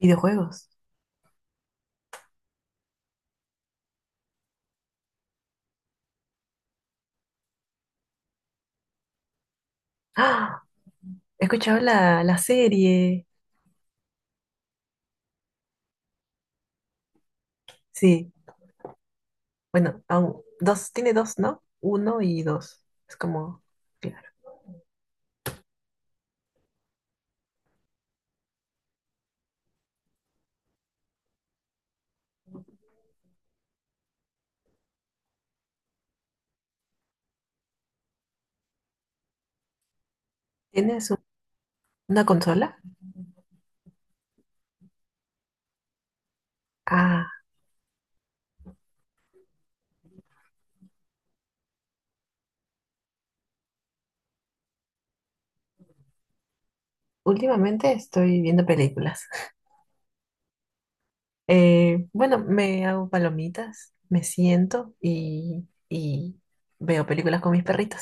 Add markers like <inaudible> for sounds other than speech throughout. Videojuegos. ¡Ah! He escuchado la, la serie. Sí, bueno, dos, tiene dos, ¿no? Uno y dos. Es como, claro. ¿Tienes una consola? Ah, últimamente estoy viendo películas. <laughs> Bueno, me hago palomitas, me siento y veo películas con mis perritos.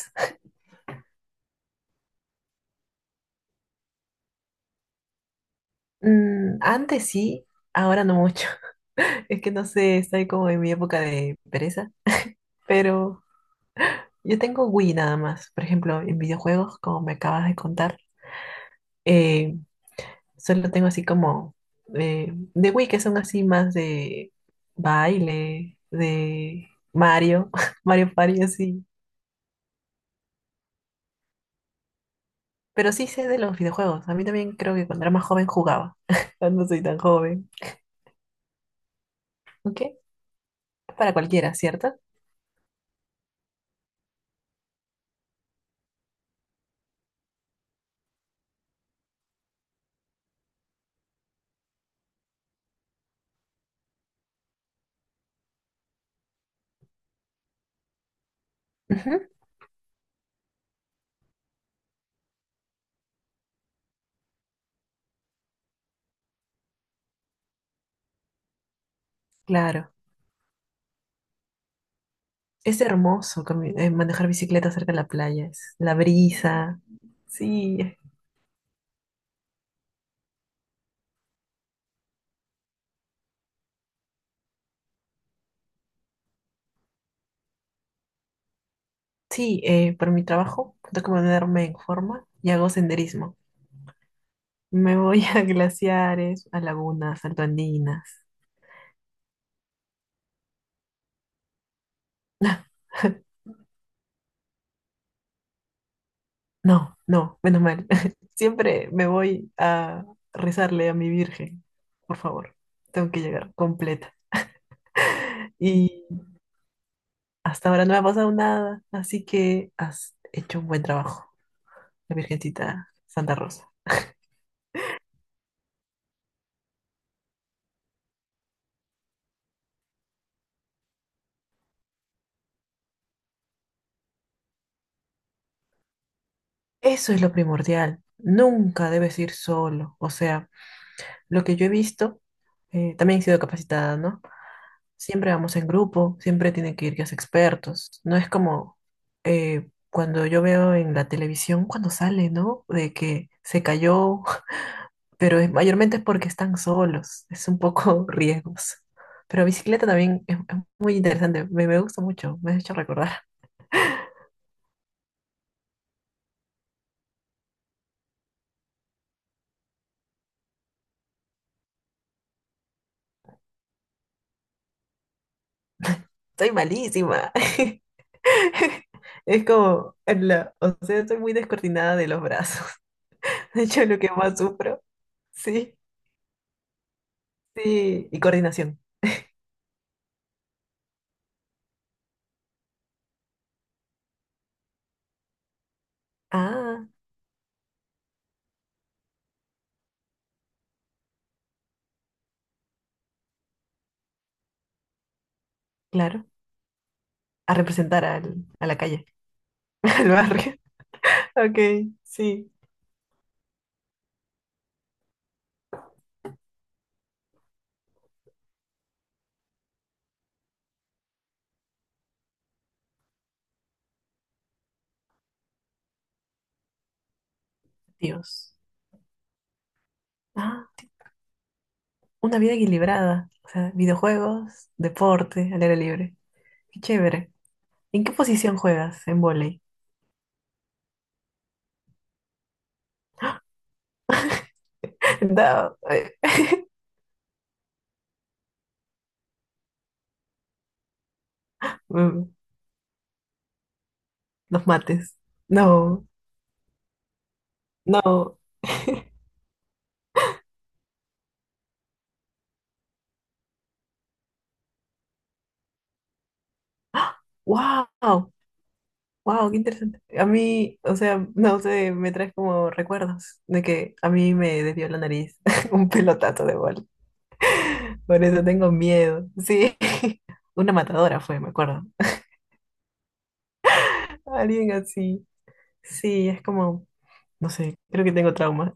Mm, antes sí, ahora no mucho. <laughs> Es que no sé, estoy como en mi época de pereza, pero... Yo tengo Wii nada más. Por ejemplo, en videojuegos, como me acabas de contar, eh, solo tengo así como eh, de Wii, que son así más de baile, de Mario, <laughs> Mario Party, así. Pero sí sé de los videojuegos. A mí también creo que cuando era más joven jugaba. <laughs> No soy tan joven. ¿Ok? Para cualquiera, ¿cierto? Ujú. Claro. Es hermoso manejar bicicleta cerca de la playa. Es la brisa. Sí. Sí, por mi trabajo tengo que ponerme en forma y hago senderismo. Me voy a <laughs> glaciares, a lagunas, altoandinas. <laughs> No, no, menos mal. <laughs> Siempre me voy a rezarle a mi Virgen. Por favor, tengo que llegar completa. Y hasta ahora no me ha pasado nada, así que has hecho un buen trabajo, la Virgencita Santa Rosa. Eso es lo primordial. Nunca debes ir solo. O sea, lo que yo he visto, también he sido capacitada, ¿no? Siempre vamos en grupo, siempre tiene que ir guías expertos. No es como cuando yo veo en la televisión, cuando sale, ¿no? De que se cayó, <laughs> pero mayormente es porque están solos, es un poco <laughs> riesgos. Pero bicicleta también es muy interesante, me gusta mucho, me has hecho recordar. Soy malísima. <laughs> Es como, o sea, soy muy descoordinada de los brazos. <laughs> De hecho, lo que más sufro, sí, sí, y coordinación. Ah, claro. A representar a la calle, <laughs> al barrio. Ok, sí. Dios. Ah, una vida equilibrada. O sea, videojuegos, deporte, al aire libre. Qué chévere. ¿En qué posición juegas en vóley? <laughs> No. <laughs> Mm, los mates. No, no. ¡Wow! ¡Wow! ¡Qué interesante! A mí, o sea, no sé, me traes como recuerdos de que a mí me desvió la nariz <laughs> un pelotazo de bola. Por eso tengo miedo. Sí. <laughs> Una matadora fue, me acuerdo. Alguien así. Sí, es como, no sé, creo que tengo trauma.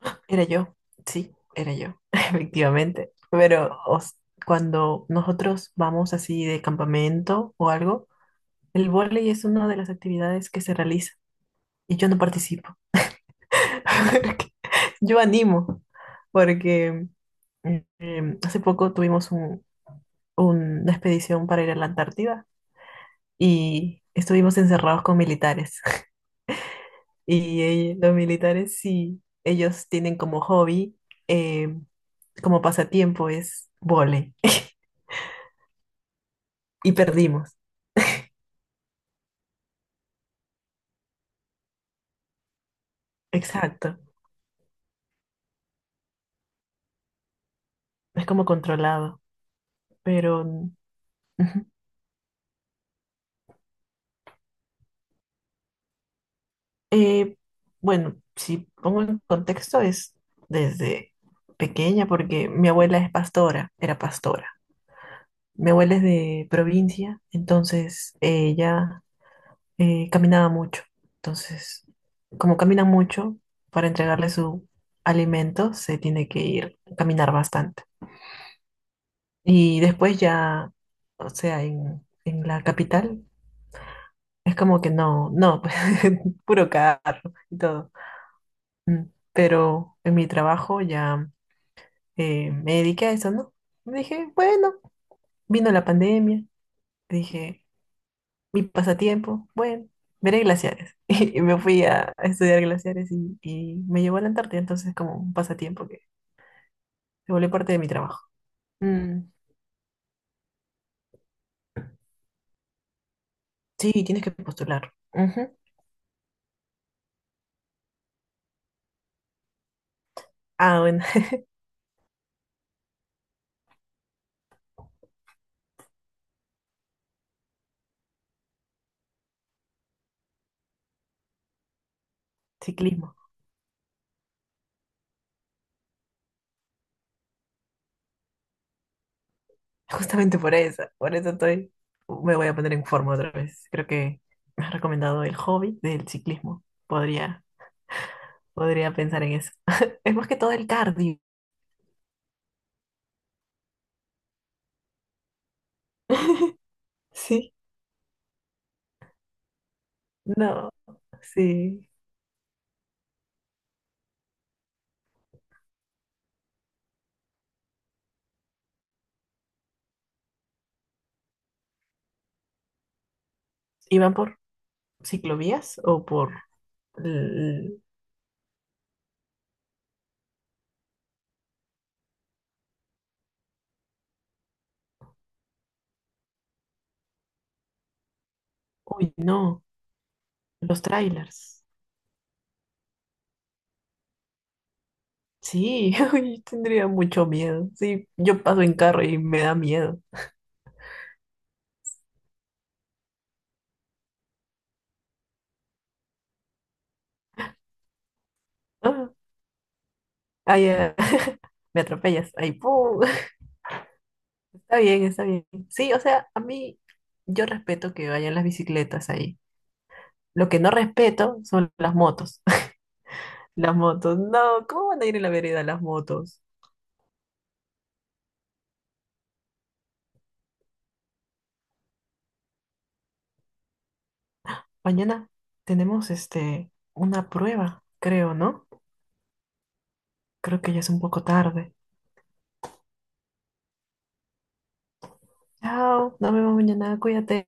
<laughs> Era yo. Sí, era yo, <laughs> efectivamente. Pero cuando nosotros vamos así de campamento o algo, el vóley es una de las actividades que se realiza y yo no participo. <laughs> Porque yo animo, porque hace poco tuvimos una expedición para ir a la Antártida y estuvimos encerrados con militares. <laughs> Y los militares sí, ellos tienen como hobby, eh, como pasatiempo es vóley. <laughs> Y perdimos. Exacto. Es como controlado. Pero ujú. Eh, bueno, si pongo en contexto es desde pequeña, porque mi abuela es pastora, era pastora. Mi abuela es de provincia, entonces ella caminaba mucho. Entonces, como camina mucho, para entregarle su alimento se tiene que ir a caminar bastante. Y después ya, o sea, en la capital, es como que no, no, <laughs> pues, puro carro y todo. Mm, pero en mi trabajo ya me dediqué a eso, ¿no? Dije, bueno, vino la pandemia, dije mi pasatiempo, bueno, veré glaciares. <laughs> Y me fui a estudiar glaciares y me llevó a la Antártida, entonces como un pasatiempo que se volvió parte de mi trabajo. Mm, sí, tienes que postular. Ujú. Ah, bueno, <laughs> ciclismo. Justamente por eso estoy, me voy a poner en forma otra vez. Creo que me has recomendado el hobby del ciclismo. Podría, podría pensar en eso. <laughs> Es más que todo el cardio. <laughs> Sí, no, sí. ¿Iban por ciclovías o por...? L- Uy, no, los trailers. Sí, <laughs> uy, tendría mucho miedo. Sí, yo paso en carro y me da miedo. Ah, ay, ah, <laughs> me atropellas. Ay, pum. <laughs> Está bien, está bien. Sí, o sea, a mí yo respeto que vayan las bicicletas ahí. Lo que no respeto son las motos. <laughs> Las motos. No, ¿cómo van a ir en la vereda las motos? Mañana tenemos este una prueba, creo, ¿no? Creo que ya es un poco tarde. Chao, nos vemos mañana, cuídate.